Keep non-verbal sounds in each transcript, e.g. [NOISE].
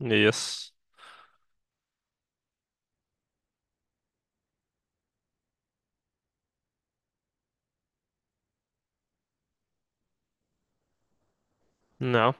Yes. Ja.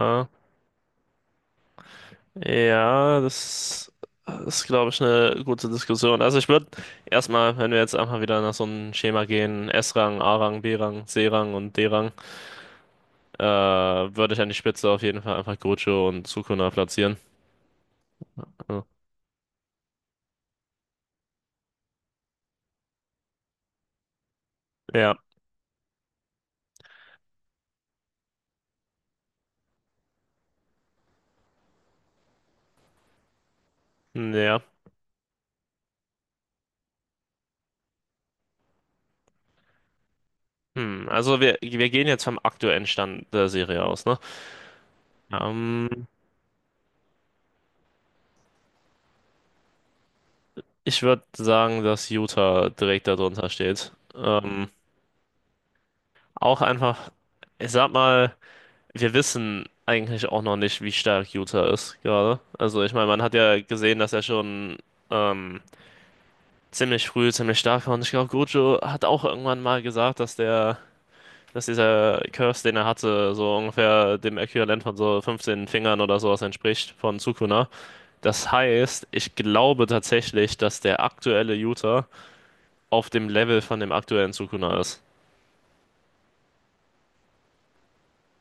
Äh, ja, Das ist, glaube ich, eine gute Diskussion. Also ich würde erstmal, wenn wir jetzt einfach wieder nach so einem Schema gehen, S-Rang, A-Rang, B-Rang, C-Rang und D-Rang, würde ich an die Spitze auf jeden Fall einfach Gojo und Sukuna platzieren. Also, ja, ja. Also wir gehen jetzt vom aktuellen Stand der Serie aus, ne? Ähm, Ich würde sagen, dass Utah direkt darunter steht. Auch einfach, ich sag mal, wir wissen eigentlich auch noch nicht, wie stark Utah ist gerade. Also ich meine, man hat ja gesehen, dass er schon ähm, ziemlich früh ziemlich stark war. Und ich glaube, Gojo hat auch irgendwann mal gesagt, dass dieser Curse, den er hatte, so ungefähr dem Äquivalent von so 15 Fingern oder sowas entspricht von Sukuna. Das heißt, ich glaube tatsächlich, dass der aktuelle Utah auf dem Level von dem aktuellen Sukuna ist.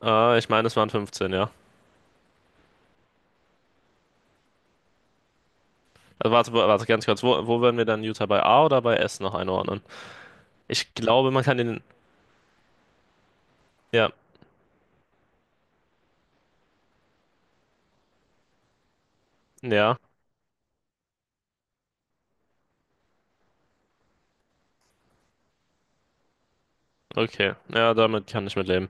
Ich meine, es waren 15, ja. Also warte, warte ganz kurz, wo werden wir dann Utah bei A oder bei S noch einordnen? Ich glaube, man kann den. Ja, ja, okay. Ja, damit kann ich mitleben.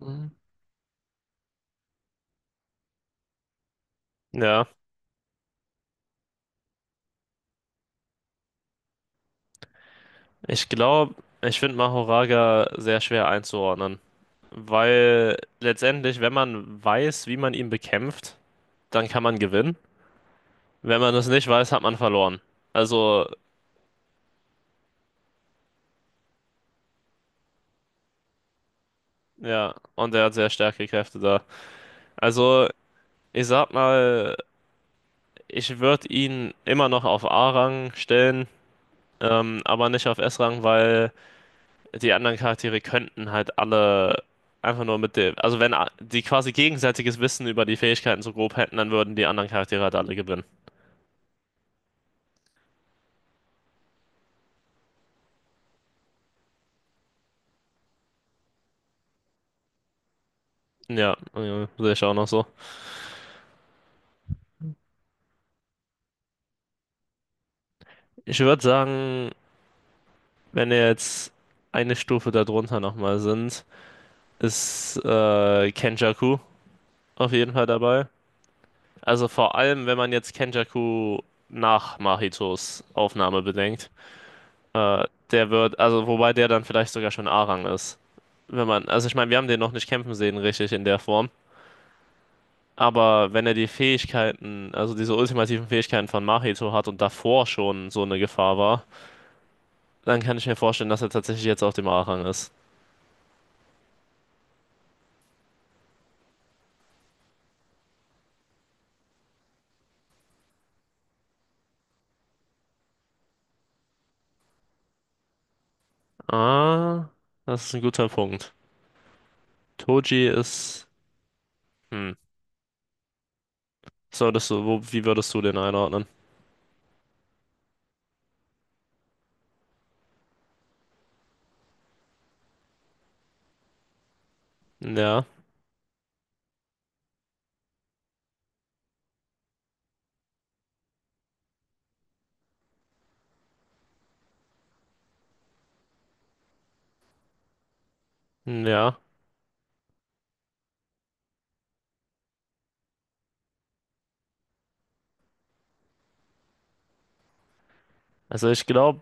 Mhm. Ja, ich glaube, ich finde Mahoraga sehr schwer einzuordnen. Weil letztendlich, wenn man weiß, wie man ihn bekämpft, dann kann man gewinnen. Wenn man das nicht weiß, hat man verloren. Also, ja, und er hat sehr starke Kräfte da. Also, ich sag mal, ich würde ihn immer noch auf A-Rang stellen, aber nicht auf S-Rang, weil die anderen Charaktere könnten halt alle einfach nur mit dem, also wenn die quasi gegenseitiges Wissen über die Fähigkeiten so grob hätten, dann würden die anderen Charaktere halt alle gewinnen. Ja, sehe ich auch noch so. Ich würde sagen, wenn wir jetzt eine Stufe darunter nochmal sind, ist Kenjaku auf jeden Fall dabei. Also vor allem, wenn man jetzt Kenjaku nach Mahitos Aufnahme bedenkt, äh, also wobei der dann vielleicht sogar schon A-Rang ist. Wenn man, also ich meine, wir haben den noch nicht kämpfen sehen, richtig in der Form. Aber wenn er die Fähigkeiten, also diese ultimativen Fähigkeiten von Mahito hat und davor schon so eine Gefahr war, dann kann ich mir vorstellen, dass er tatsächlich jetzt auf dem A-Rang ist. Ah, das ist ein guter Punkt. Toji ist, hm, solltest du, wo, wie würdest du den einordnen? Ja, ja. Also ich glaube,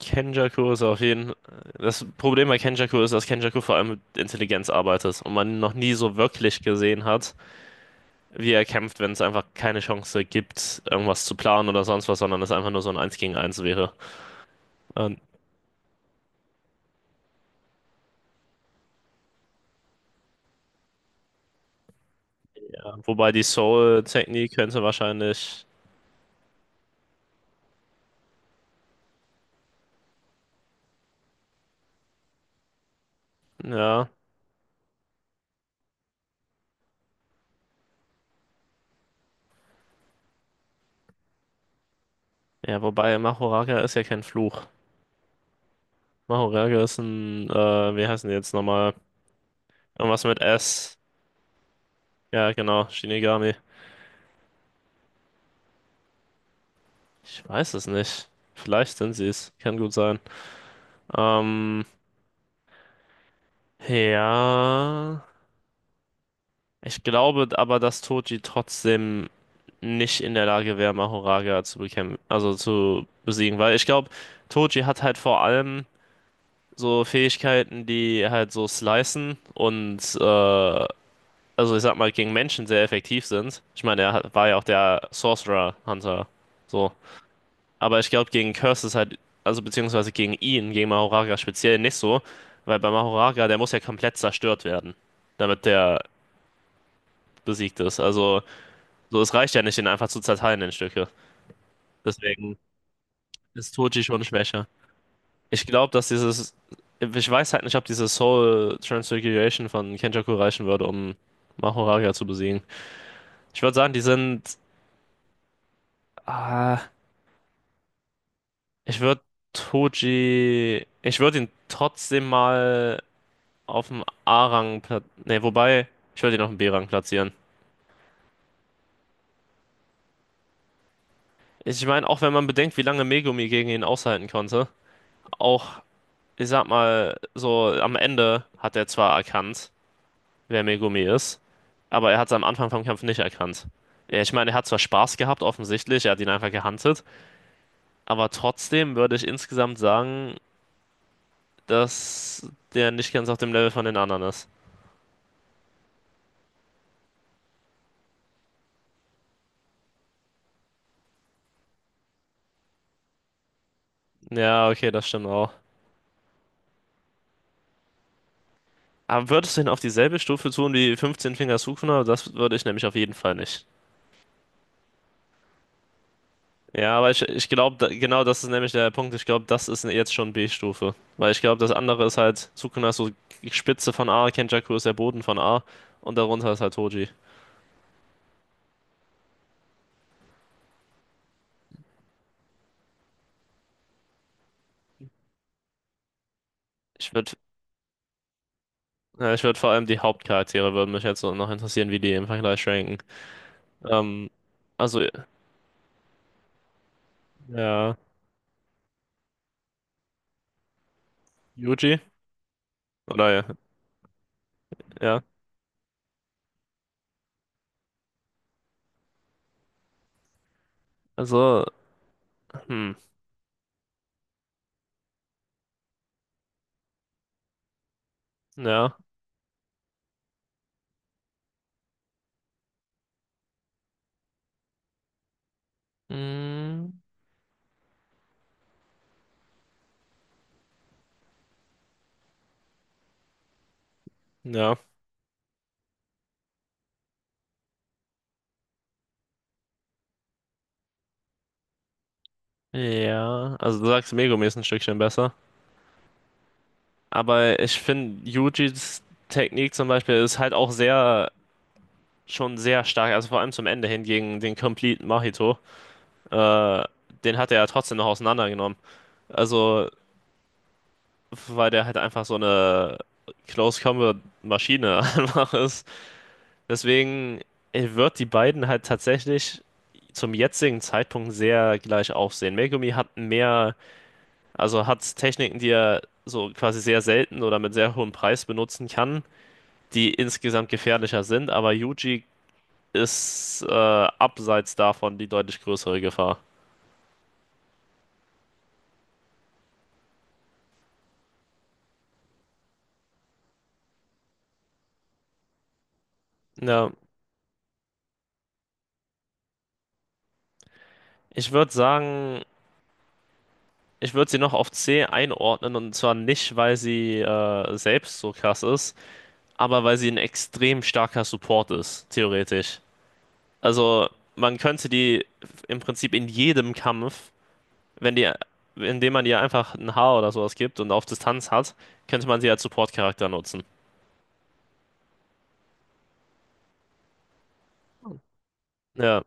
Kenjaku ist auf jeden. Das Problem bei Kenjaku ist, dass Kenjaku vor allem mit Intelligenz arbeitet und man ihn noch nie so wirklich gesehen hat, wie er kämpft, wenn es einfach keine Chance gibt, irgendwas zu planen oder sonst was, sondern es einfach nur so ein Eins gegen Eins wäre. Und, ja, wobei die Soul-Technik könnte wahrscheinlich, ja, ja, wobei Mahoraga ist ja kein Fluch. Mahoraga ist ein, wie heißen die jetzt nochmal? Irgendwas mit S. Ja, genau, Shinigami. Ich weiß es nicht. Vielleicht sind sie es. Kann gut sein. Ähm, ja. Ich glaube aber, dass Toji trotzdem nicht in der Lage wäre, Mahoraga zu bekämpfen, also zu besiegen. Weil ich glaube, Toji hat halt vor allem so Fähigkeiten, die halt so slicen und also ich sag mal, gegen Menschen sehr effektiv sind. Ich meine, er war ja auch der Sorcerer Hunter. So. Aber ich glaube, gegen Curse ist halt, also beziehungsweise gegen ihn, gegen Mahoraga speziell nicht so, weil bei Mahoraga, der muss ja komplett zerstört werden, damit der besiegt ist. Also, so es reicht ja nicht, ihn einfach zu zerteilen in Stücke. Deswegen ist Toji schon schwächer. Ich glaube, dass dieses, ich weiß halt nicht, ob diese Soul Transfiguration von Kenjaku reichen würde, um Mahoraga zu besiegen. Ich würde sagen, die sind, ah, ich würde Toji, ich würde ihn trotzdem mal auf dem A-Rang platzieren. Ne, wobei, ich würde ihn auf dem B-Rang platzieren. Ich meine, auch wenn man bedenkt, wie lange Megumi gegen ihn aushalten konnte, auch, ich sag mal, so am Ende hat er zwar erkannt, wer Megumi ist. Aber er hat es am Anfang vom Kampf nicht erkannt. Ja, ich meine, er hat zwar Spaß gehabt, offensichtlich, er hat ihn einfach gehuntet, aber trotzdem würde ich insgesamt sagen, dass der nicht ganz auf dem Level von den anderen ist. Ja, okay, das stimmt auch. Aber würdest du ihn auf dieselbe Stufe tun wie 15 Finger Sukuna? Das würde ich nämlich auf jeden Fall nicht. Ja, aber ich glaube, genau das ist nämlich der Punkt. Ich glaube, das ist jetzt schon B-Stufe. Weil ich glaube, das andere ist halt, Sukuna ist so Spitze von A, Kenjaku ist der Boden von A und darunter ist halt Toji. Ich würde, ja, ich würde vor allem die Hauptcharaktere würden mich jetzt so noch interessieren, wie die im Vergleich ranken. Ähm, also, ja, Yuji? Oder ja, ja. Also, hm, ja. Mm, ja. Ja. Also du sagst, Megumi ist ein Stückchen besser. Aber ich finde, Yujis Technik zum Beispiel ist halt auch sehr, schon sehr stark. Also vor allem zum Ende hin gegen den Complete Mahito. Äh, Den hat er ja trotzdem noch auseinandergenommen. Also weil der halt einfach so eine Close Combat Maschine [LAUGHS] einfach ist. Deswegen wird die beiden halt tatsächlich zum jetzigen Zeitpunkt sehr gleich aufsehen. Megumi hat mehr, also hat Techniken, die er so quasi sehr selten oder mit sehr hohem Preis benutzen kann, die insgesamt gefährlicher sind, aber Yuji ist abseits davon die deutlich größere Gefahr. Ja, ich würde sagen, ich würde sie noch auf C einordnen und zwar nicht, weil sie selbst so krass ist, aber weil sie ein extrem starker Support ist, theoretisch. Also man könnte die im Prinzip in jedem Kampf, wenn die, indem man ihr einfach ein Haar oder sowas gibt und auf Distanz hat, könnte man sie als Support-Charakter nutzen. Ja,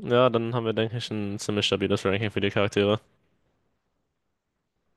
ja, dann haben wir, denke ich, ein ziemlich stabiles Ranking für die Charaktere.